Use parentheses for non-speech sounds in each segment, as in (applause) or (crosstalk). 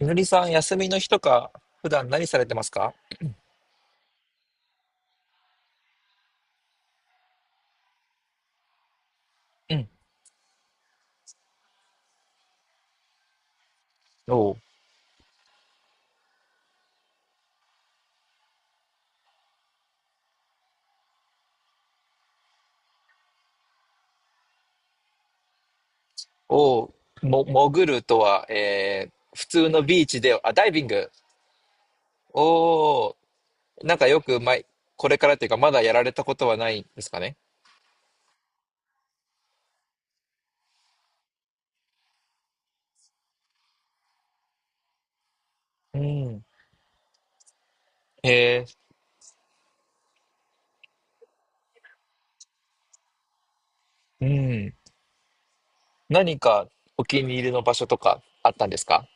みのりさん、休みの日とか、普段何されてますか？うん。おう、おう、も、潜るとは、普通のビーチで、あ、ダイビング。おお、なんかよく前、これからっていうか、まだやられたことはないんですかね。うん。えうん。何かお気に入りの場所とかあったんですか？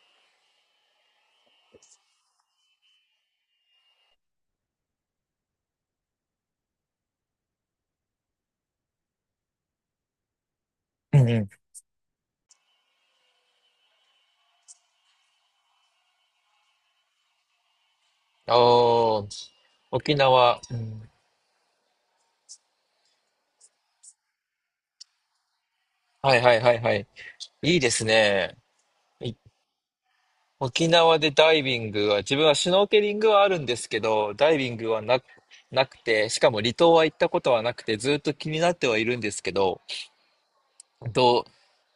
うんうん。おー、沖縄。うん。はいはいはいはい。いいですね。沖縄でダイビングは、自分はシュノーケリングはあるんですけど、ダイビングはなくて、しかも離島は行ったことはなくて、ずっと気になってはいるんですけど、どう、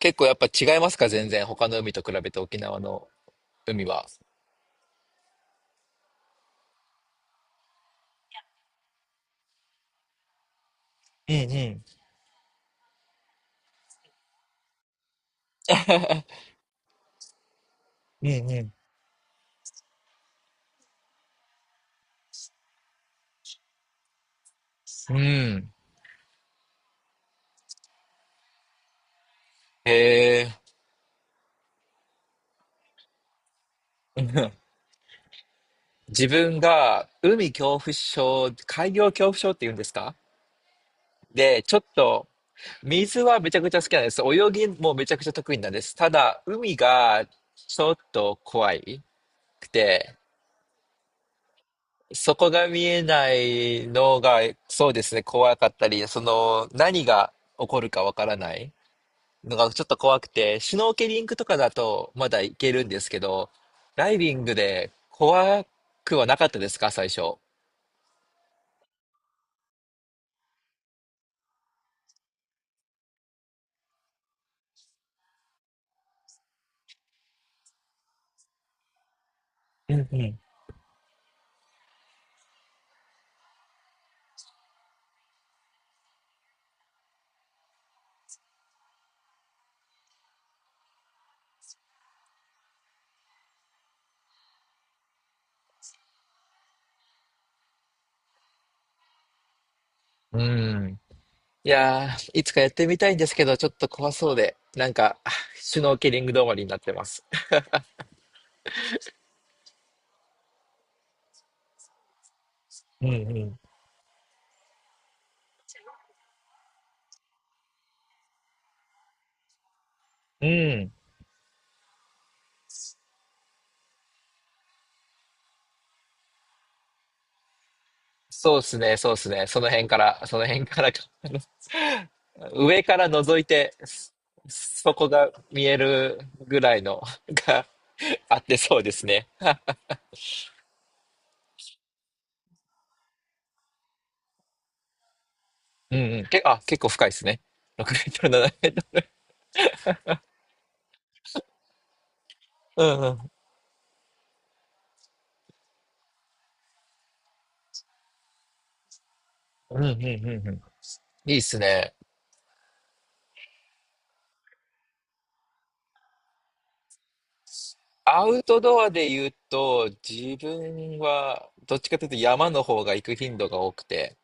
結構やっぱ違いますか？全然他の海と比べて沖縄の海は。うんうん。うんうん。うん。へえ。(laughs) うん。自分が海恐怖症、海洋恐怖症って言うんですか？で、ちょっと水はめちゃくちゃ好きなんです。泳ぎもめちゃくちゃ得意なんです。ただ、海がちょっと怖いくて、そこが見えないのが、そうですね、怖かったり、その、何が起こるかわからないのがちょっと怖くて、シュノーケリングとかだとまだいけるんですけど、ダイビングで怖くはなかったですか、最初。うんうん。うん。いやー、いつかやってみたいんですけど、ちょっと怖そうで、なんか、シュノーケリング止まりになってます。うんうん。うん。そうっすね、そうっすね。その辺から、その辺からか、上から覗いて、そこが見えるぐらいのがあってそうですね。うんうん。結構深いですね。6メートル、7メートル。うんうん。うんうんうんうん。いいっすね。アウトドアで言うと、自分は、どっちかというと山の方が行く頻度が多くて、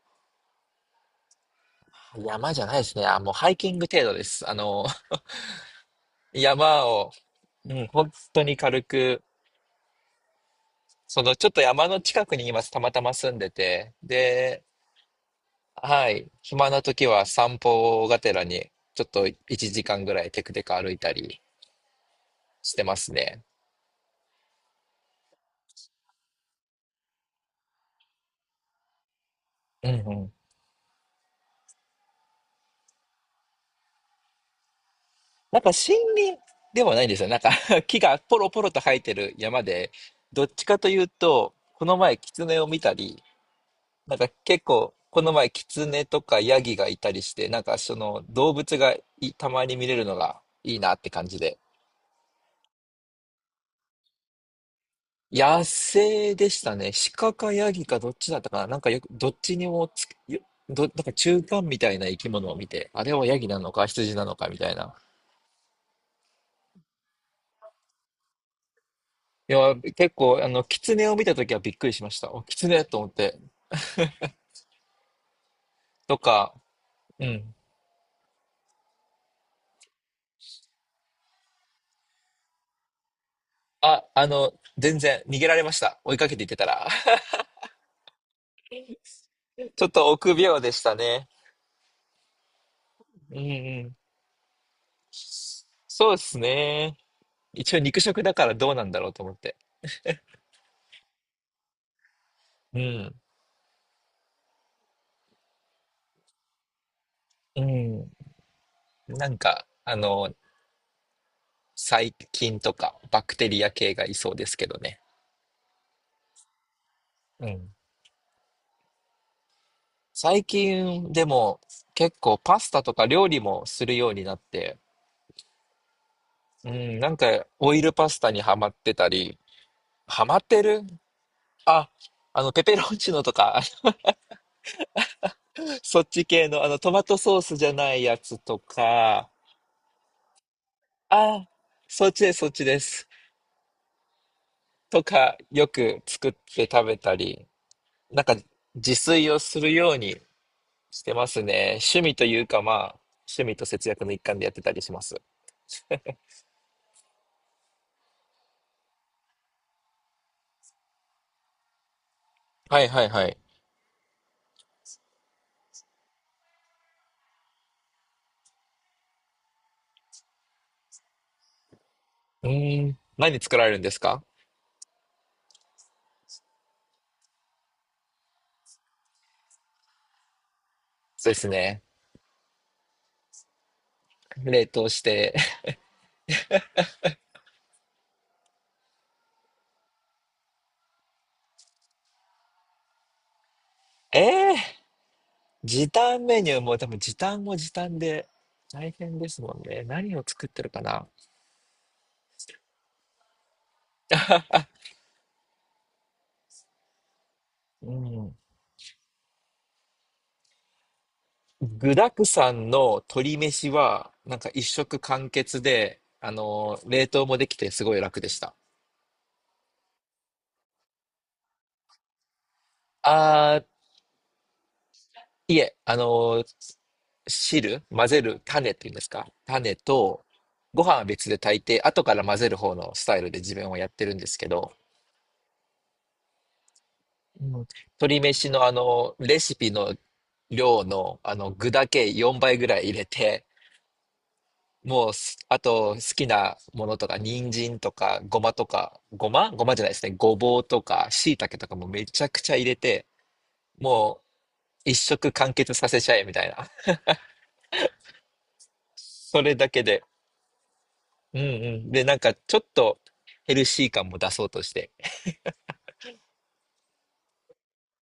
山じゃないですね。あ、もうハイキング程度です。あの、山を、うん、本当に軽く、そのちょっと山の近くに今たまたま住んでて、で、はい、暇な時は散歩がてらにちょっと1時間ぐらいテクテク歩いたりしてますね。うんうん。なんか森林ではないんですよ。なんか (laughs) 木がポロポロと生えてる山で、どっちかというと、この前キツネを見たり、なんか結構この前キツネとかヤギがいたりして、なんかその動物がいたまに見れるのがいいなって感じで。野生でしたね。鹿かヤギかどっちだったかな。なんかよく、どっちにもつく、なんか中間みたいな生き物を見て、あれはヤギなのか羊なのかみたいな。いや、結構、あの、狐を見たときはびっくりしました。お、狐と思って。とか、うん。あ、あの、全然逃げられました。追いかけていってたら。(laughs) ちょっと臆病でしたね。うんうん。そうですね。一応肉食だからどうなんだろうと思って。うん。うん。なんか、あの、細菌とかバクテリア系がいそうですけどね。うん。最近でも結構パスタとか料理もするようになって、うん、なんかオイルパスタにハマってたり、ハマってる、あ、あのペペロンチーノとか、(laughs) あのそっち系のあのトマトソースじゃないやつとか、あ、そっちです、そっちです。とか、よく作って食べたり、なんか自炊をするようにしてますね。趣味というか、まあ、趣味と節約の一環でやってたりします。はいはいはい。うーん。何作られるんですか？そうですね。冷凍して。(laughs) ええー時短メニューも、でも時短も時短で大変ですもんね。何を作ってるかな。うん。具沢山の鶏飯は、なんか一食完結で、冷凍もできてすごい楽でした。あいえ、あの、汁、混ぜる、種っていうんですか。種と、ご飯は別で炊いて、後から混ぜる方のスタイルで自分はやってるんですけど、うん、鶏飯のあの、レシピの量の、あの、具だけ4倍ぐらい入れて、もうす、あと、好きなものとか、人参とか、ごまとか、ごまごまじゃないですね。ごぼうとか、椎茸とかもめちゃくちゃ入れて、もう、一食完結させちゃえ、みたいな。(laughs) それだけで。うんうん。で、なんかちょっとヘルシー感も出そうとして。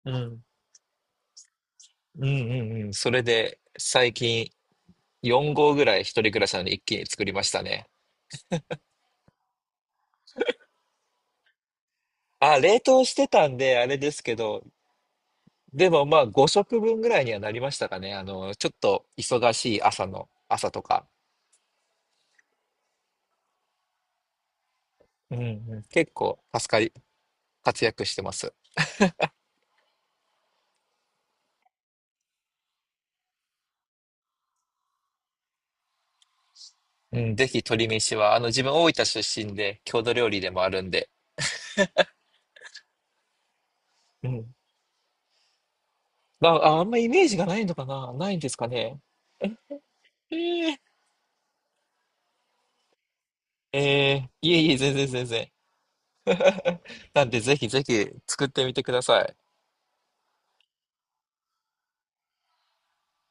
うん。うんうんうん。それで最近4合ぐらい一人暮らしなので一気に作りましたね。あ、冷凍してたんであれですけど、でもまあ5食分ぐらいにはなりましたかね。あの、ちょっと忙しい朝の、朝とか。うんうん。結構助かり、活躍してます。うん、ぜひ鶏飯は、あの自分大分出身で郷土料理でもあるんで。うん。まあ、ああんまイメージがないのかなないんですかね。えーええいえいえ、全然全然。なんで、ぜひぜひ作ってみてください。